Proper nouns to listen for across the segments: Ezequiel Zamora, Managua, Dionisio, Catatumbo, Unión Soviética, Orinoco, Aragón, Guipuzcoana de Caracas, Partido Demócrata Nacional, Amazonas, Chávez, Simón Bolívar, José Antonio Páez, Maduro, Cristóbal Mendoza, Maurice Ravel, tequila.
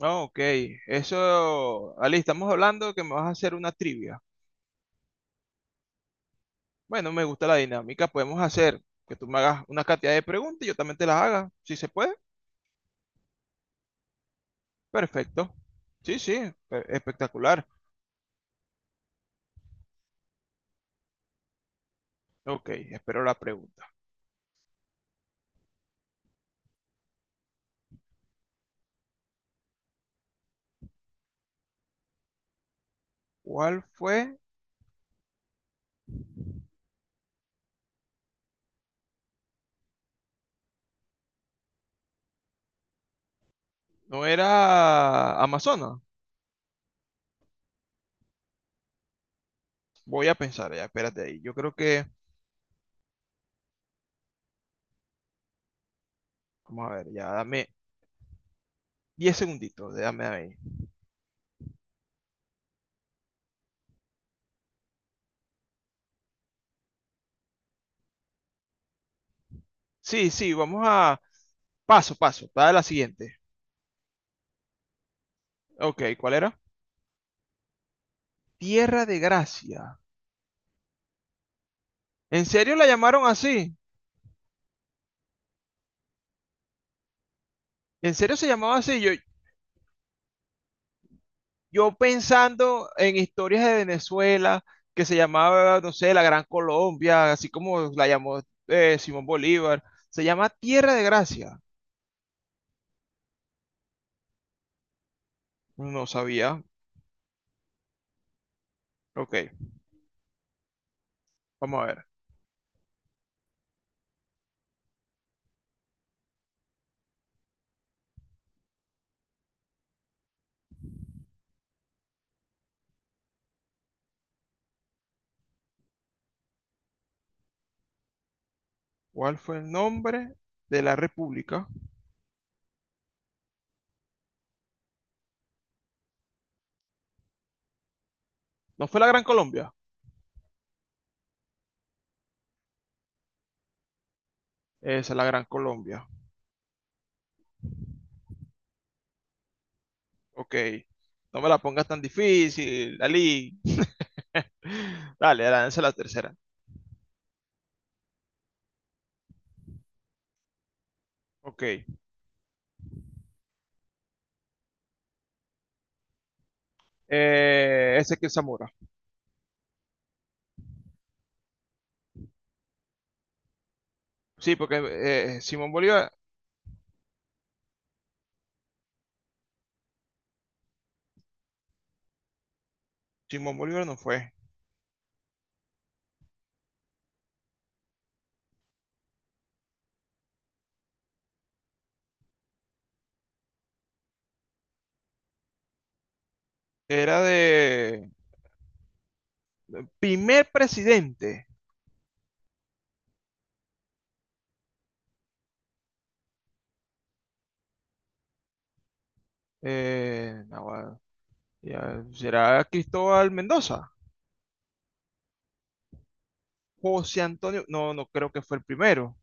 Ah, ok, eso, Ali, estamos hablando que me vas a hacer una trivia. Bueno, me gusta la dinámica, podemos hacer que tú me hagas una cantidad de preguntas y yo también te las haga, si se puede. Perfecto. Sí, sí, espectacular. Ok, espero la pregunta. ¿Cuál fue? No era Amazonas. Voy a pensar, ya, espérate ahí. Yo creo que, vamos a ver, ya, dame 10 segunditos, dame ahí. Sí, sí, vamos a, paso, paso, para la siguiente. Ok, ¿cuál era? Tierra de Gracia. ¿En serio la llamaron así? ¿En serio se llamaba así? Yo pensando en historias de Venezuela, que se llamaba, no sé, la Gran Colombia, así como la llamó Simón Bolívar. Se llama Tierra de Gracia. No sabía. Ok, vamos a ver. ¿Cuál fue el nombre de la república? ¿No fue la Gran Colombia? Esa es la Gran Colombia. Ok. No me la pongas tan difícil, Dalí. Dale, lánzala la tercera. Ok. Ezequiel Zamora. Sí, porque Simón Bolívar, Simón Bolívar no fue. Era de primer presidente. No, bueno, ya, ¿será Cristóbal Mendoza? José Antonio. No, no creo que fue el primero.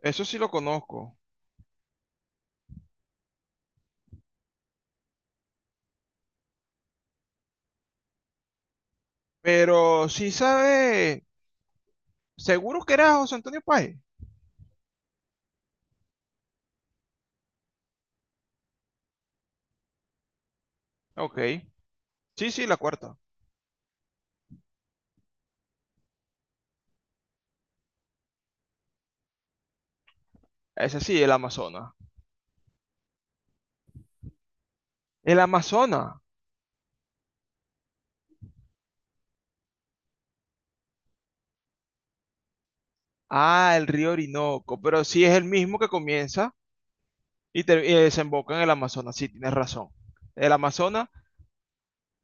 Eso sí lo conozco. Pero sí sabe. Seguro que era José Antonio Páez. Ok. Sí, sí, la cuarta. Ese sí, el Amazonas. El Amazonas. Ah, el río Orinoco. Pero sí es el mismo que comienza y, y desemboca en el Amazonas. Sí, tienes razón. El Amazonas.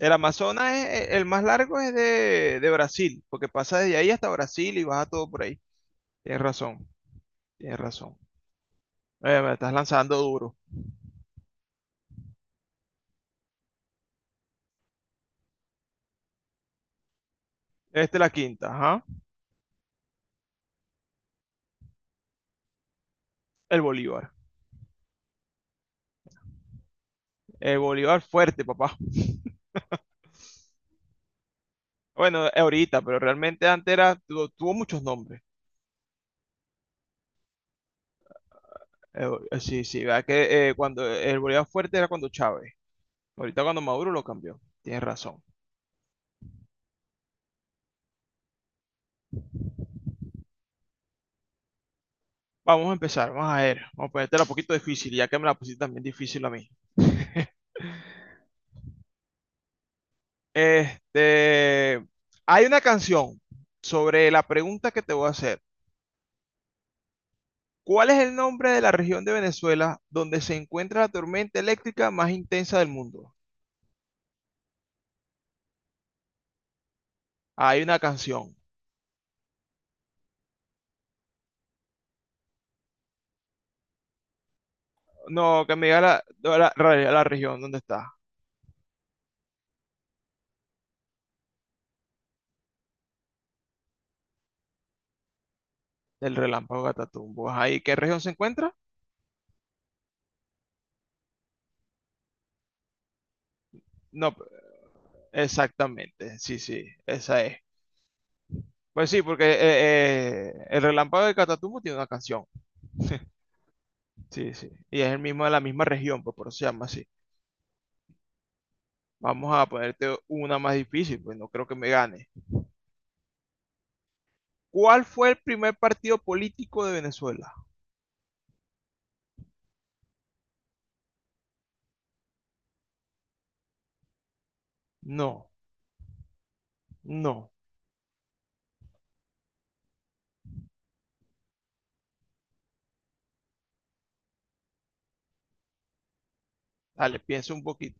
El Amazonas es, e, el más largo es de Brasil, porque pasa desde ahí hasta Brasil y baja todo por ahí. Tienes razón, tienes razón. Me estás lanzando duro. Este es la quinta, ajá. El Bolívar. El Bolívar fuerte, papá. Bueno, ahorita, pero realmente antes era, tuvo muchos nombres. Sí, sí, verdad que cuando el Bolívar fuerte era cuando Chávez. Ahorita cuando Maduro lo cambió. Tienes razón. Vamos a empezar, vamos a ver. Vamos a ponértela un poquito difícil, ya que me la pusiste también difícil a mí. Este, hay una canción sobre la pregunta que te voy a hacer. ¿Cuál es el nombre de la región de Venezuela donde se encuentra la tormenta eléctrica más intensa del mundo? Hay una canción. No, que me diga la, no, la región donde está, del relámpago Catatumbo. Ahí, ¿qué región se encuentra? No, exactamente. Sí, sí, esa es. Pues sí, porque el relámpago de Catatumbo tiene una canción. Sí, sí. Y es el mismo de la misma región, pues por eso se llama así. Vamos a ponerte una más difícil, pues no creo que me gane. ¿Cuál fue el primer partido político de Venezuela? No, no. Dale, piensa un poquito.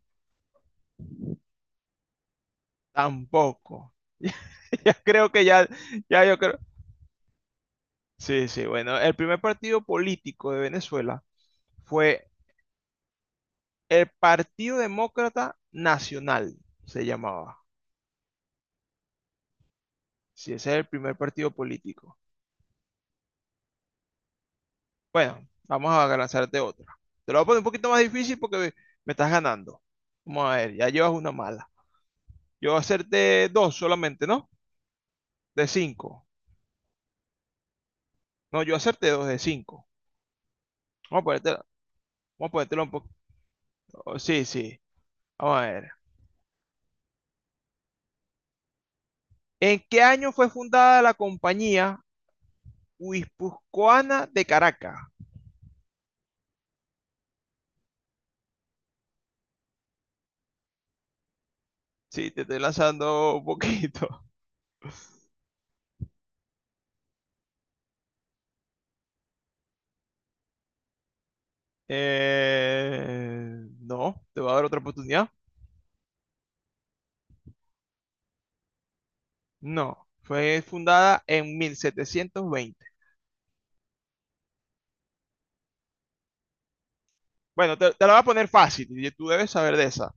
Tampoco. Ya creo que ya, ya yo creo. Sí, sí, bueno, el primer partido político de Venezuela fue el Partido Demócrata Nacional, se llamaba. Sí, ese es el primer partido político. Bueno, vamos a lanzarte otra. Te lo voy a poner un poquito más difícil porque me estás ganando. Vamos a ver, ya llevas una mala. Yo acerté dos solamente, ¿no? De cinco. No, yo acerté dos de cinco. Vamos a ponértelo, vamos a ponértelo un poco. Sí, sí. Vamos a ver. ¿En qué año fue fundada la compañía Guipuzcoana de Caracas? Sí, te estoy lanzando un poquito. Eh, no, te voy a dar otra oportunidad. No, fue fundada en 1720. Bueno, te la voy a poner fácil y tú debes saber de esa.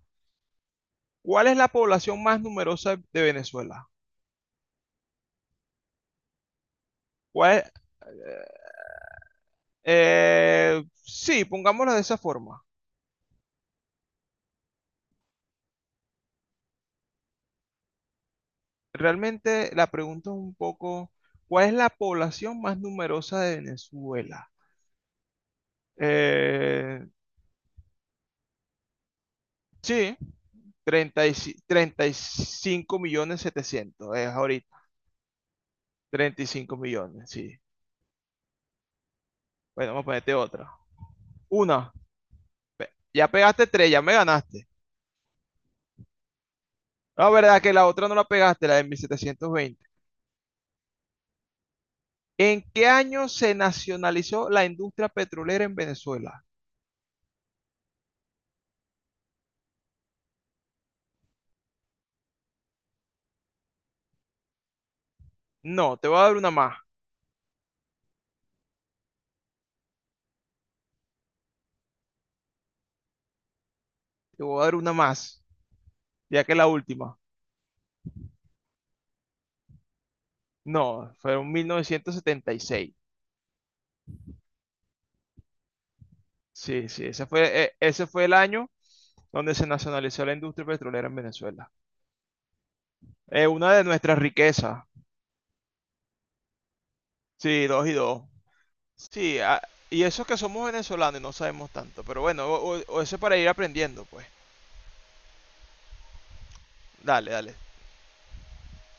¿Cuál es la población más numerosa de Venezuela? ¿Cuál es- sí, pongámoslo de esa forma. Realmente la pregunta es un poco, ¿cuál es la población más numerosa de Venezuela? Eh, sí, 35 millones setecientos es ahorita. 35 millones, sí. Bueno, vamos a ponerte otra. Una, ya pegaste tres, ya me ganaste. La verdad que la otra no la pegaste, la de 1720. ¿En qué año se nacionalizó la industria petrolera en Venezuela? No, te voy a dar una más. Te voy a dar una más, ya que la última. No, fueron 1976. Sí, sí, ese fue, ese fue el año donde se nacionalizó la industria petrolera en Venezuela. Una de nuestras riquezas. Sí, dos y dos. Sí, ah, y eso que somos venezolanos y no sabemos tanto. Pero bueno, o eso para ir aprendiendo, pues. Dale, dale.